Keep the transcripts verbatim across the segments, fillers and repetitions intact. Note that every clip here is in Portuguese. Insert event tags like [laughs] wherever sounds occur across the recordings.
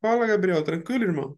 Fala, Gabriel. Tranquilo, irmão?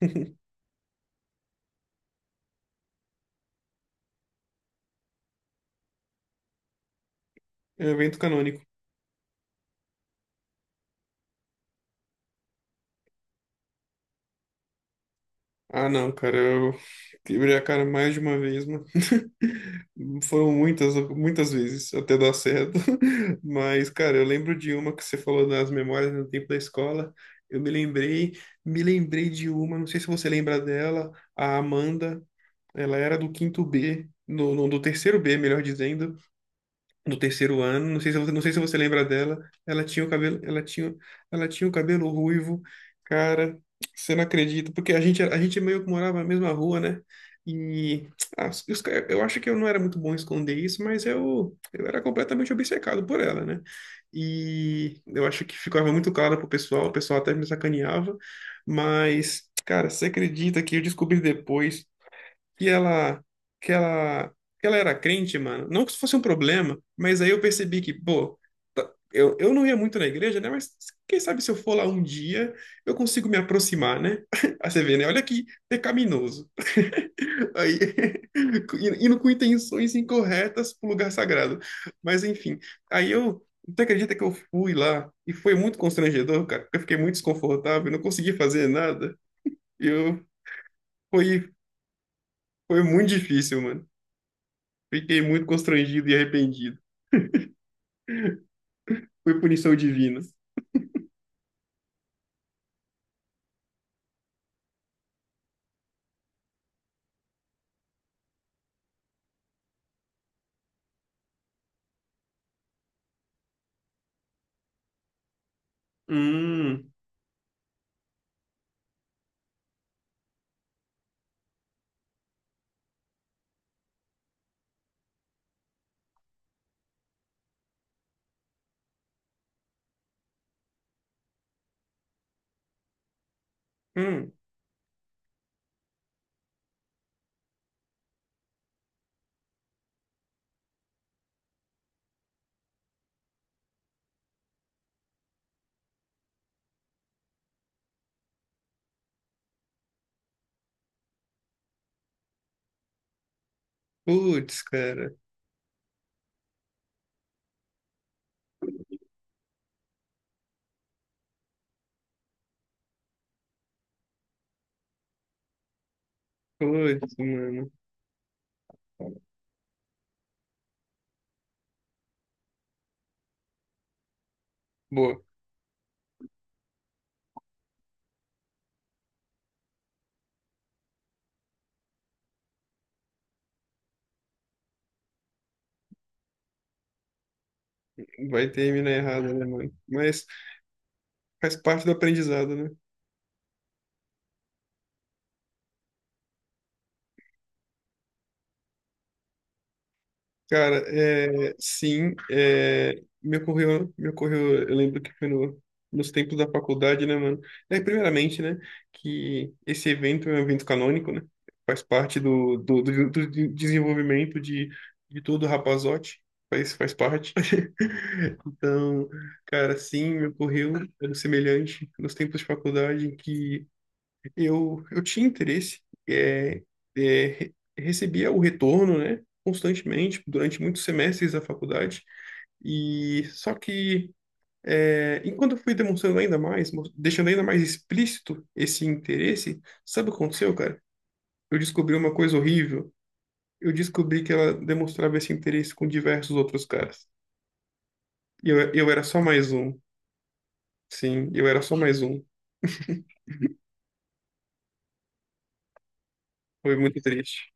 [laughs] É evento canônico. Ah, não, cara. Eu quebrei a cara mais de uma vez, mano. [laughs] Foram muitas, muitas vezes até dar certo. [laughs] Mas, cara, eu lembro de uma que você falou das memórias no tempo da escola. Eu me lembrei, me lembrei de uma, não sei se você lembra dela, a Amanda. Ela era do quinto B, no, no- do terceiro B, melhor dizendo. No terceiro ano, não sei se você, não sei se você lembra dela, ela tinha o cabelo, ela tinha, ela tinha o cabelo ruivo, cara, você não acredita, porque a gente, a gente meio que morava na mesma rua, né? E ah, os ca- eu acho que eu não era muito bom em esconder isso, mas eu, eu era completamente obcecado por ela, né? E eu acho que ficava muito claro pro pessoal, o pessoal até me sacaneava, mas, cara, você acredita que eu descobri depois que ela, que ela, que ela era crente, mano. Não que isso fosse um problema, mas aí eu percebi que, pô, tá- eu, eu não ia muito na igreja, né? Mas quem sabe se eu for lá um dia, eu consigo me aproximar, né? [laughs] Aí você vê, né? Olha que pecaminoso. Aí, [laughs] indo com intenções incorretas pro lugar sagrado. Mas enfim, aí eu. Tu acredita que eu fui lá e foi muito constrangedor, cara? Porque eu fiquei muito desconfortável, não consegui fazer nada. Eu foi Foi muito difícil, mano. Fiquei muito constrangido e arrependido. Foi punição divina. Hum, hum. Putz, cara. Putz, mano. Boa. Vai terminar errado, né, mano? Mas faz parte do aprendizado, né? Cara, é, sim, é, me ocorreu, me ocorreu, eu lembro que foi no, nos tempos da faculdade, né, mano? É, primeiramente, né, que esse evento é um evento canônico, né? Faz parte do, do, do, do desenvolvimento de, de todo rapazote, faz, faz parte. [laughs] Então, cara, sim, me ocorreu algo semelhante nos tempos de faculdade em que eu, eu tinha interesse, é, é, re- recebia o retorno, né, constantemente, durante muitos semestres da faculdade, e só que, é, enquanto eu fui demonstrando ainda mais, mo- deixando ainda mais explícito esse interesse, sabe o que aconteceu, cara? Eu descobri uma coisa horrível. Eu descobri que ela demonstrava esse interesse com diversos outros caras. E eu, eu era só mais um. Sim, eu era só mais um. Foi muito triste.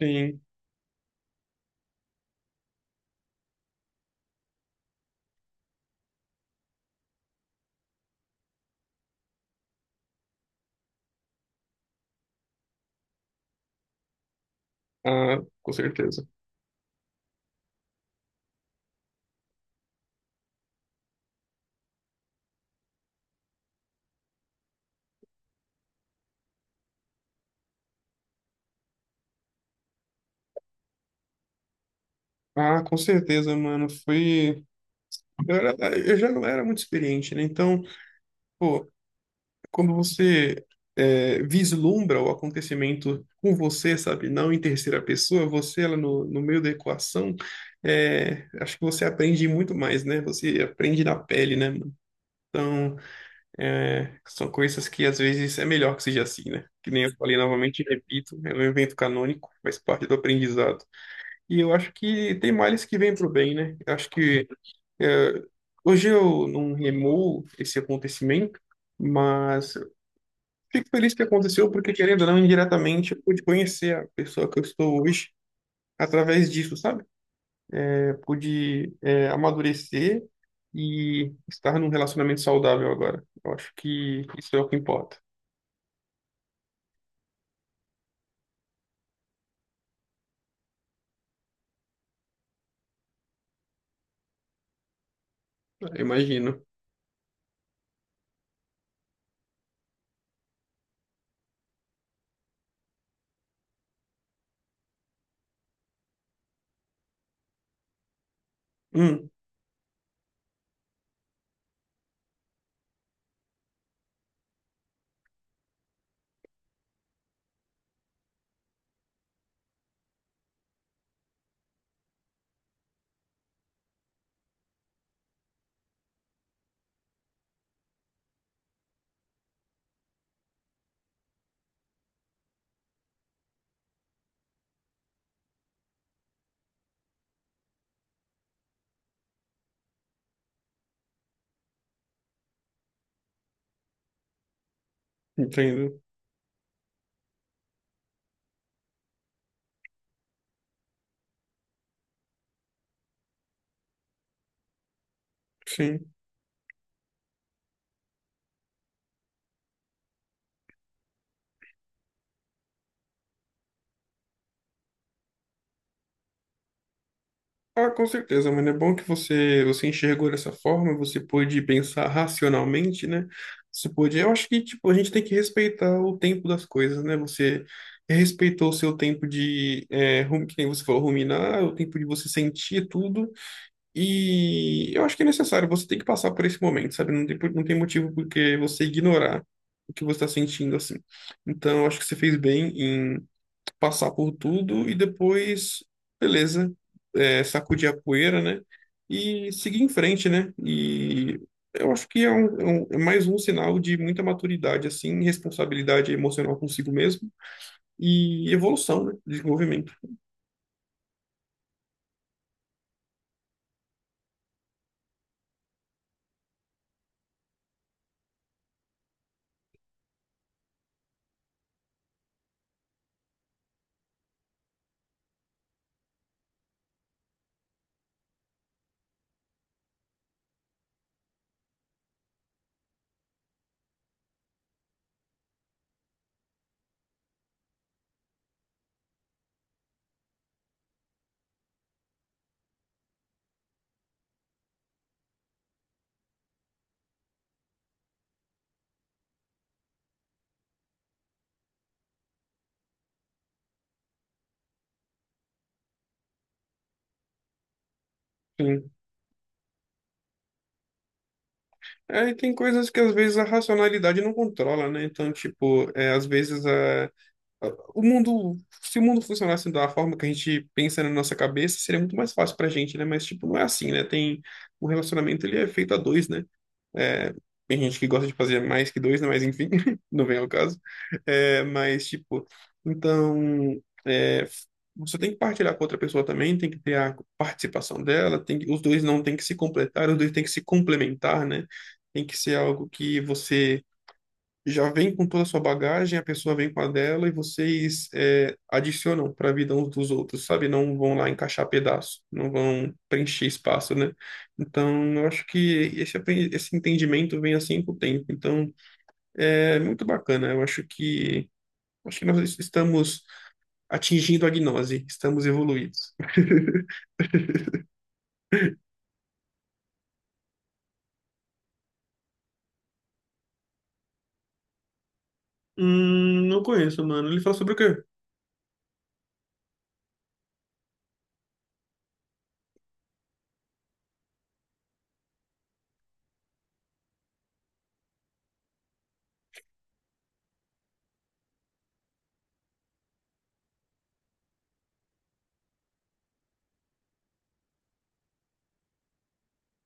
Sim, ah, com certeza. Ah, com certeza, mano. Foi. Eu, era- eu já não era muito experiente, né? Então, pô, quando você é, vislumbra o acontecimento com você, sabe? Não em terceira pessoa, você ela no, no meio da equação, é, acho que você aprende muito mais, né? Você aprende na pele, né, mano? Então, é, são coisas que às vezes é melhor que seja assim, né? Que nem eu falei novamente e repito, é um evento canônico, faz parte do aprendizado. E eu acho que tem males que vêm pro bem, né? Eu acho que é, hoje eu não remoo esse acontecimento, mas fico feliz que aconteceu, porque querendo ou não, indiretamente, eu pude conhecer a pessoa que eu estou hoje através disso, sabe? É, pude, é, amadurecer e estar num relacionamento saudável agora. Eu acho que isso é o que importa. Eu imagino. Hum, entendo. Sim. Ah, com certeza, mano. É bom que você você enxergou dessa forma, você pôde pensar racionalmente, né? Você pôde. Eu acho que tipo a gente tem que respeitar o tempo das coisas, né? Você respeitou o seu tempo de, é, rum- que nem você falou, ruminar, o tempo de você sentir tudo. E eu acho que é necessário. Você tem que passar por esse momento, sabe? Não tem, por- não tem motivo porque você ignorar o que você está sentindo assim. Então, eu acho que você fez bem passar por tudo e depois, beleza, é, sacudir a poeira, né? E seguir em frente, né? E eu acho que é, um- é um- é mais um sinal de muita maturidade, assim, responsabilidade emocional consigo mesmo e evolução, né? Desenvolvimento. Sim. É, e tem coisas que às vezes a racionalidade não controla, né? Então, tipo, é, às vezes a... O mundo, se o mundo funcionasse da forma que a gente pensa na nossa cabeça, seria muito mais fácil pra gente, né? Mas, tipo, não é assim, né? Tem, o relacionamento, ele é feito a dois, né? É, tem gente que gosta de fazer mais que dois, né? Mas, enfim, [laughs] não vem ao caso. É, mas, tipo, então, é, você tem que partilhar com outra pessoa também, tem que ter a participação dela, tem que, os dois não tem que se completar, os dois tem que se complementar, né? Tem que ser algo que você já vem com toda a sua bagagem, a pessoa vem com a dela e vocês é, adicionam para a vida uns dos outros, sabe? Não vão lá encaixar pedaço, não vão preencher espaço, né? Então, eu acho que esse, apren- esse entendimento vem assim com o tempo. Então, é muito bacana. Eu acho que, acho que nós estamos atingindo a gnose, estamos evoluídos. [laughs] Hum, não conheço, mano. Ele fala sobre o quê?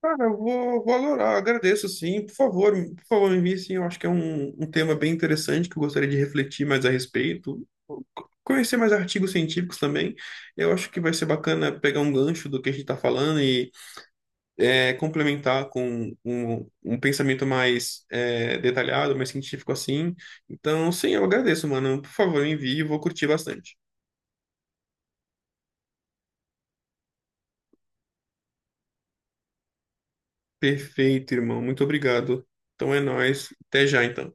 Cara, eu vou, vou adorar, agradeço sim. Por favor, me- por favor, me envie sim. Eu acho que é um, um tema bem interessante que eu gostaria de refletir mais a respeito. C- Conhecer mais artigos científicos também. Eu acho que vai ser bacana pegar um gancho do que a gente está falando e é, complementar com um, um pensamento mais é, detalhado, mais científico assim. Então, sim, eu agradeço, mano. Por favor, me envie, eu vou curtir bastante. Perfeito, irmão. Muito obrigado. Então é nóis. Até já, então.